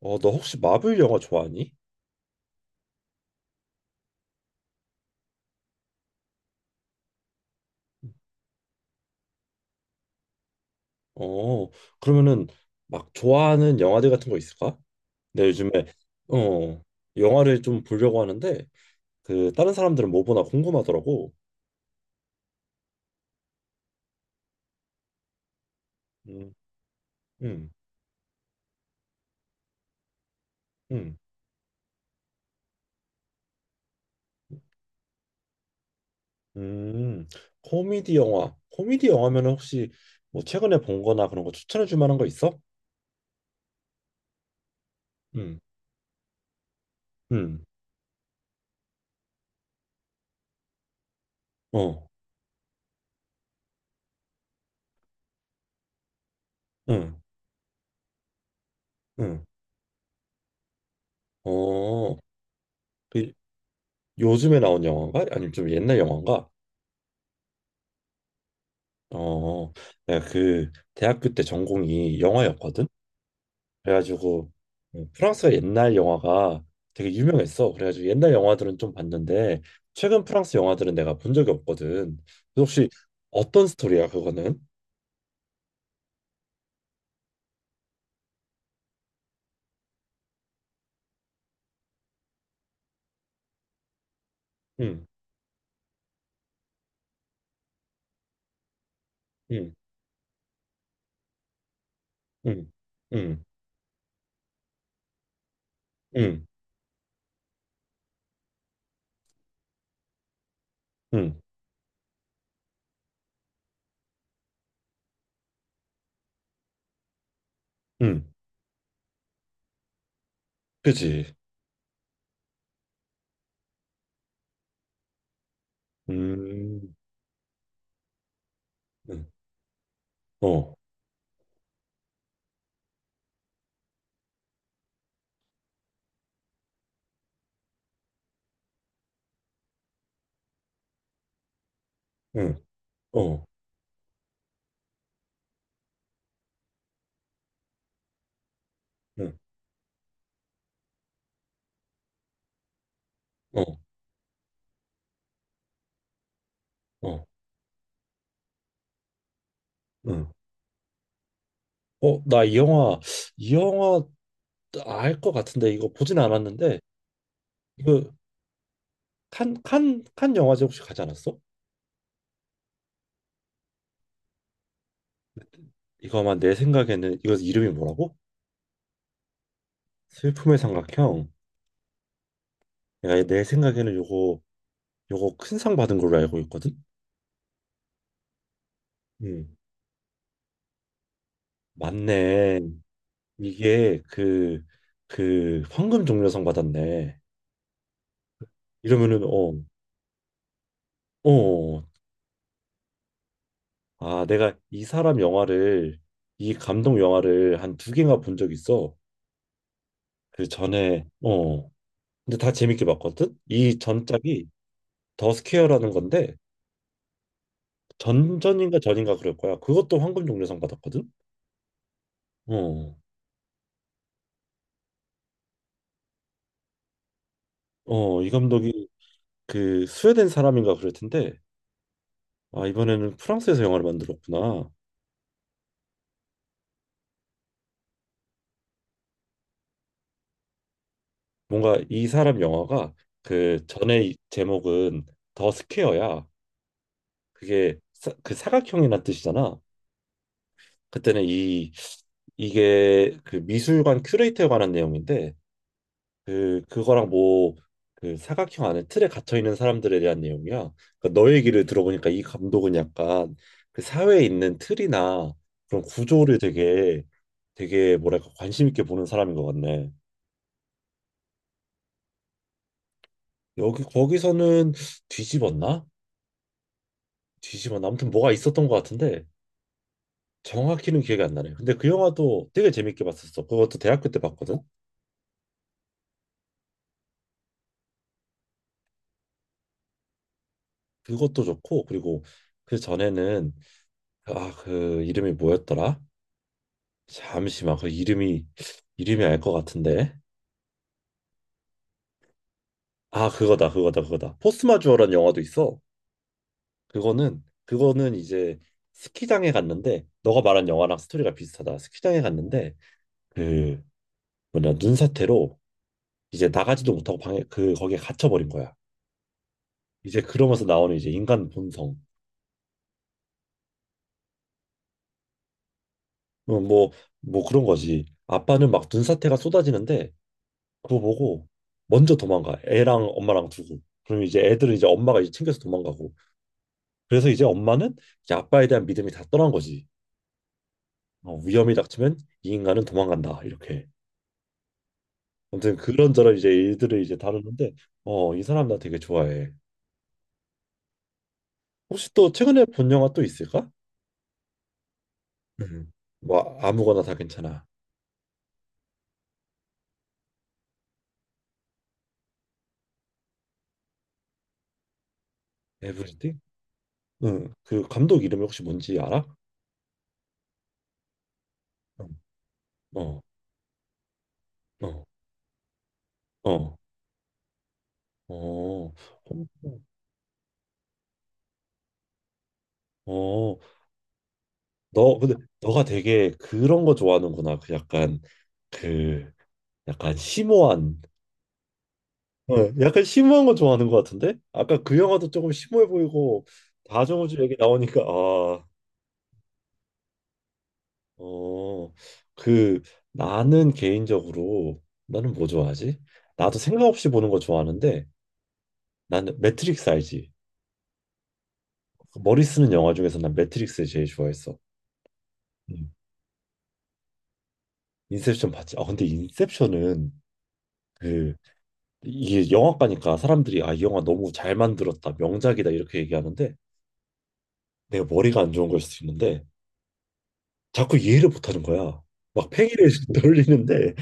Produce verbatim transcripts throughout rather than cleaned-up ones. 어, 너 혹시 마블 영화 좋아하니? 어, 그러면은 막 좋아하는 영화들 같은 거 있을까? 내가 요즘에 어, 영화를 좀 보려고 하는데 그 다른 사람들은 뭐 보나 궁금하더라고. 음, 음, 음, 음. 코미디 영화. 코미디 영화면은 혹시 뭐 최근에 본 거나 그런 거 추천해 줄 만한 거 있어? 음, 음, 어, 음, 음. 어, 그 요즘에 나온 영화인가? 아니면 좀 옛날 영화인가? 어, 내가 그 대학교 때 전공이 영화였거든. 그래가지고 프랑스 옛날 영화가 되게 유명했어. 그래가지고 옛날 영화들은 좀 봤는데 최근 프랑스 영화들은 내가 본 적이 없거든. 그래서 혹시 어떤 스토리야 그거는? 응, 응, 응, 응, 응, 응, 응, 그지? 음, 응, 어, 응, 어, 응, 어, 어, 응. 어, 나 이 영화, 이 영화 알 것 같은데 이거 보진 않았는데. 이거 칸, 칸, 칸 영화제 혹시 가지 않았어? 이거 아마 내 생각에는 이거 이름이 뭐라고? 슬픔의 삼각형. 내가 내 생각에는 요거 요거 큰 상 받은 걸로 알고 있거든. 음, 맞네. 이게 그 그 황금 종려상 받았네. 이러면은 어, 어, 어, 어. 아 내가 이 사람 영화를 이 감독 영화를 한 두 개가 본 적 있어. 그 전에 어, 근데 다 재밌게 봤거든. 이 전작이 더 스퀘어라는 건데 전전인가 전인가 그럴 거야. 그것도 황금 종려상 받았거든. 어, 어, 이 감독이 그 스웨덴 사람인가 그럴 텐데, 아, 이번에는 프랑스에서 영화를 만들었구나. 뭔가 이 사람 영화가 그 전에 이 제목은 더 스퀘어야. 그게 사, 그 사각형이란 뜻이잖아. 그때는 이 이게 그 미술관 큐레이터에 관한 내용인데 그 그거랑 뭐 그 사각형 안에 틀에 갇혀 있는 사람들에 대한 내용이야. 그러니까 너 얘기를 들어보니까 이 감독은 약간 그 사회에 있는 틀이나 그런 구조를 되게 되게 뭐랄까 관심 있게 보는 사람인 것 같네. 여기 거기서는 뒤집었나? 뒤집었나? 아무튼 뭐가 있었던 것 같은데 정확히는 기억이 안 나네. 근데 그 영화도 되게 재밌게 봤었어. 그것도 대학교 때 봤거든. 그것도 좋고 그리고 그 전에는 아 그 이름이 뭐였더라? 잠시만 그 이름이 이름이 알 것 같은데 아 그거다 그거다 그거다 포스마주어라는 영화도 있어. 그거는 그거는 이제 스키장에 갔는데 너가 말한 영화랑 스토리가 비슷하다. 스키장에 갔는데 그 뭐냐 눈사태로 이제 나가지도 못하고 방에 그 거기에 갇혀버린 거야. 이제 그러면서 나오는 이제 인간 본성 뭐뭐 뭐 뭐 그런 거지. 아빠는 막 눈사태가 쏟아지는데 그거 보고 먼저 도망가 애랑 엄마랑 두고 그럼 이제 애들은 이제 엄마가 이제 챙겨서 도망가고 그래서 이제 엄마는 이제 아빠에 대한 믿음이 다 떠난 거지. 어, 위험이 닥치면 이 인간은 도망간다. 이렇게. 아무튼 그런저런 이제 일들을 이제 다루는데 어, 이 사람 나 되게 좋아해. 혹시 또 최근에 본 영화 또 있을까? 음. 뭐 아무거나 다 괜찮아. 에브리띵? 응. 그 감독 이름이 혹시 뭔지 알아? 응. 어. 어. 어. 어. 어. 너 근데 너가 되게 그런 거 좋아하는구나. 그 약간 그 약간 심오한 어, 약간 심오한 거 좋아하는 것 같은데? 아까 그 영화도 조금 심오해 보이고 다정우주 얘기 나오니까 아, 어, 그 나는 개인적으로 나는 뭐 좋아하지? 나도 생각 없이 보는 거 좋아하는데 나는 매트릭스 알지? 그 머리 쓰는 영화 중에서 난 매트릭스 제일 좋아했어. 음. 인셉션 봤지? 아 근데 인셉션은 그 이게 영화과니까 사람들이 아 이 영화 너무 잘 만들었다 명작이다 이렇게 얘기하는데 내가 머리가 안 좋은 걸 수도 있는데 자꾸 이해를 못하는 거야. 막 팽이를 돌리는데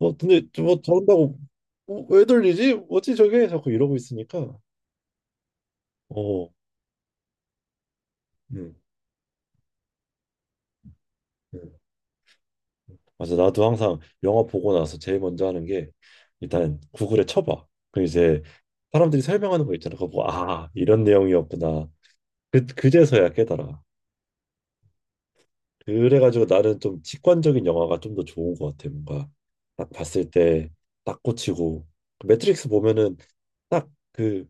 어, 근데 뭐 저런다고 어, 왜 돌리지? 뭐지 저게? 자꾸 이러고 있으니까 어, 음, 음. 맞아 나도 항상 영화 보고 나서 제일 먼저 하는 게 일단 구글에 쳐봐. 그럼 이제 사람들이 설명하는 거 있잖아. 그거 보고 아 이런 내용이었구나. 그 그제서야 깨달아. 그래가지고 나는 좀 직관적인 영화가 좀 더 좋은 것 같아. 뭔가 딱 봤을 때 딱 꽂히고 그 매트릭스 보면은 딱그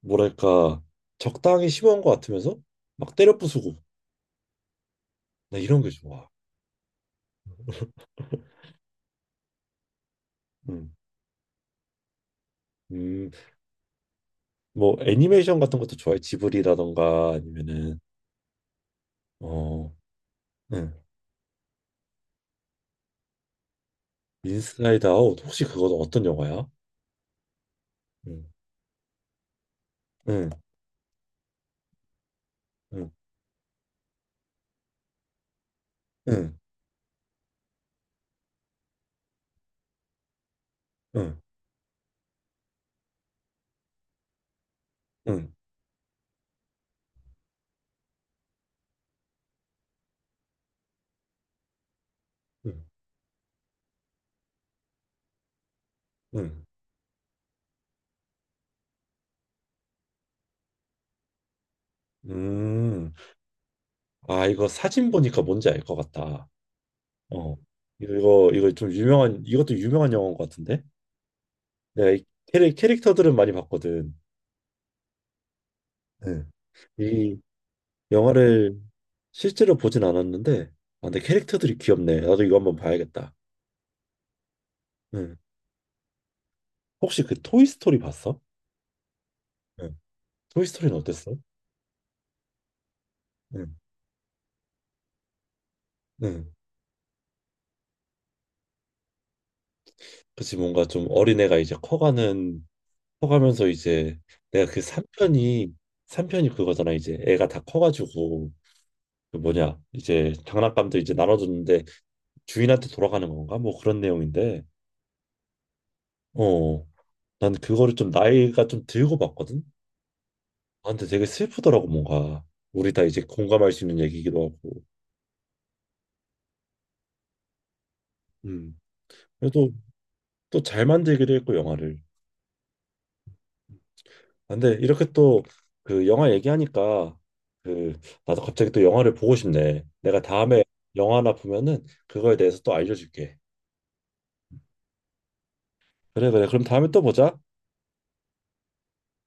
뭐랄까 적당히 심오한 것 같으면서 막 때려 부수고 나 이런 게 좋아. 음, 음, 뭐 애니메이션 같은 것도 좋아해. 지브리라던가 아니면은 어, 응, 인사이드 아웃 혹시 그거 어떤 영화야? 응, 응, 응, 응, 응, 응, 응, 응. 음, 아 이거 사진 보니까 뭔지 알 것 같다. 어, 이거 이거 좀 유명한 이것도 유명한 영화인 것 같은데 내가 이 캐릭, 캐릭터들은 많이 봤거든. 응. 이 영화를 실제로 보진 않았는데, 아, 근데 캐릭터들이 귀엽네. 나도 이거 한번 봐야겠다. 응. 혹시 그 토이스토리 봤어? 응. 토이스토리는 어땠어? 응. 응. 그치, 뭔가 좀 어린애가 이제 커가는, 커가면서 이제 내가 그 삼 편이, 삼 편이 그거잖아. 이제 애가 다 커가지고, 그 뭐냐, 이제 장난감도 이제 나눠줬는데 주인한테 돌아가는 건가? 뭐 그런 내용인데, 어, 난 그거를 좀 나이가 좀 들고 봤거든. 아, 근데 되게 슬프더라고 뭔가 우리 다 이제 공감할 수 있는 얘기기도 하고 음 그래도 또 잘 만들기도 했고 영화를 아, 근데 이렇게 또 그 영화 얘기하니까 그 나도 갑자기 또 영화를 보고 싶네. 내가 다음에 영화 하나 보면은 그거에 대해서 또 알려줄게. 그래 그래 그럼 다음에 또 보자.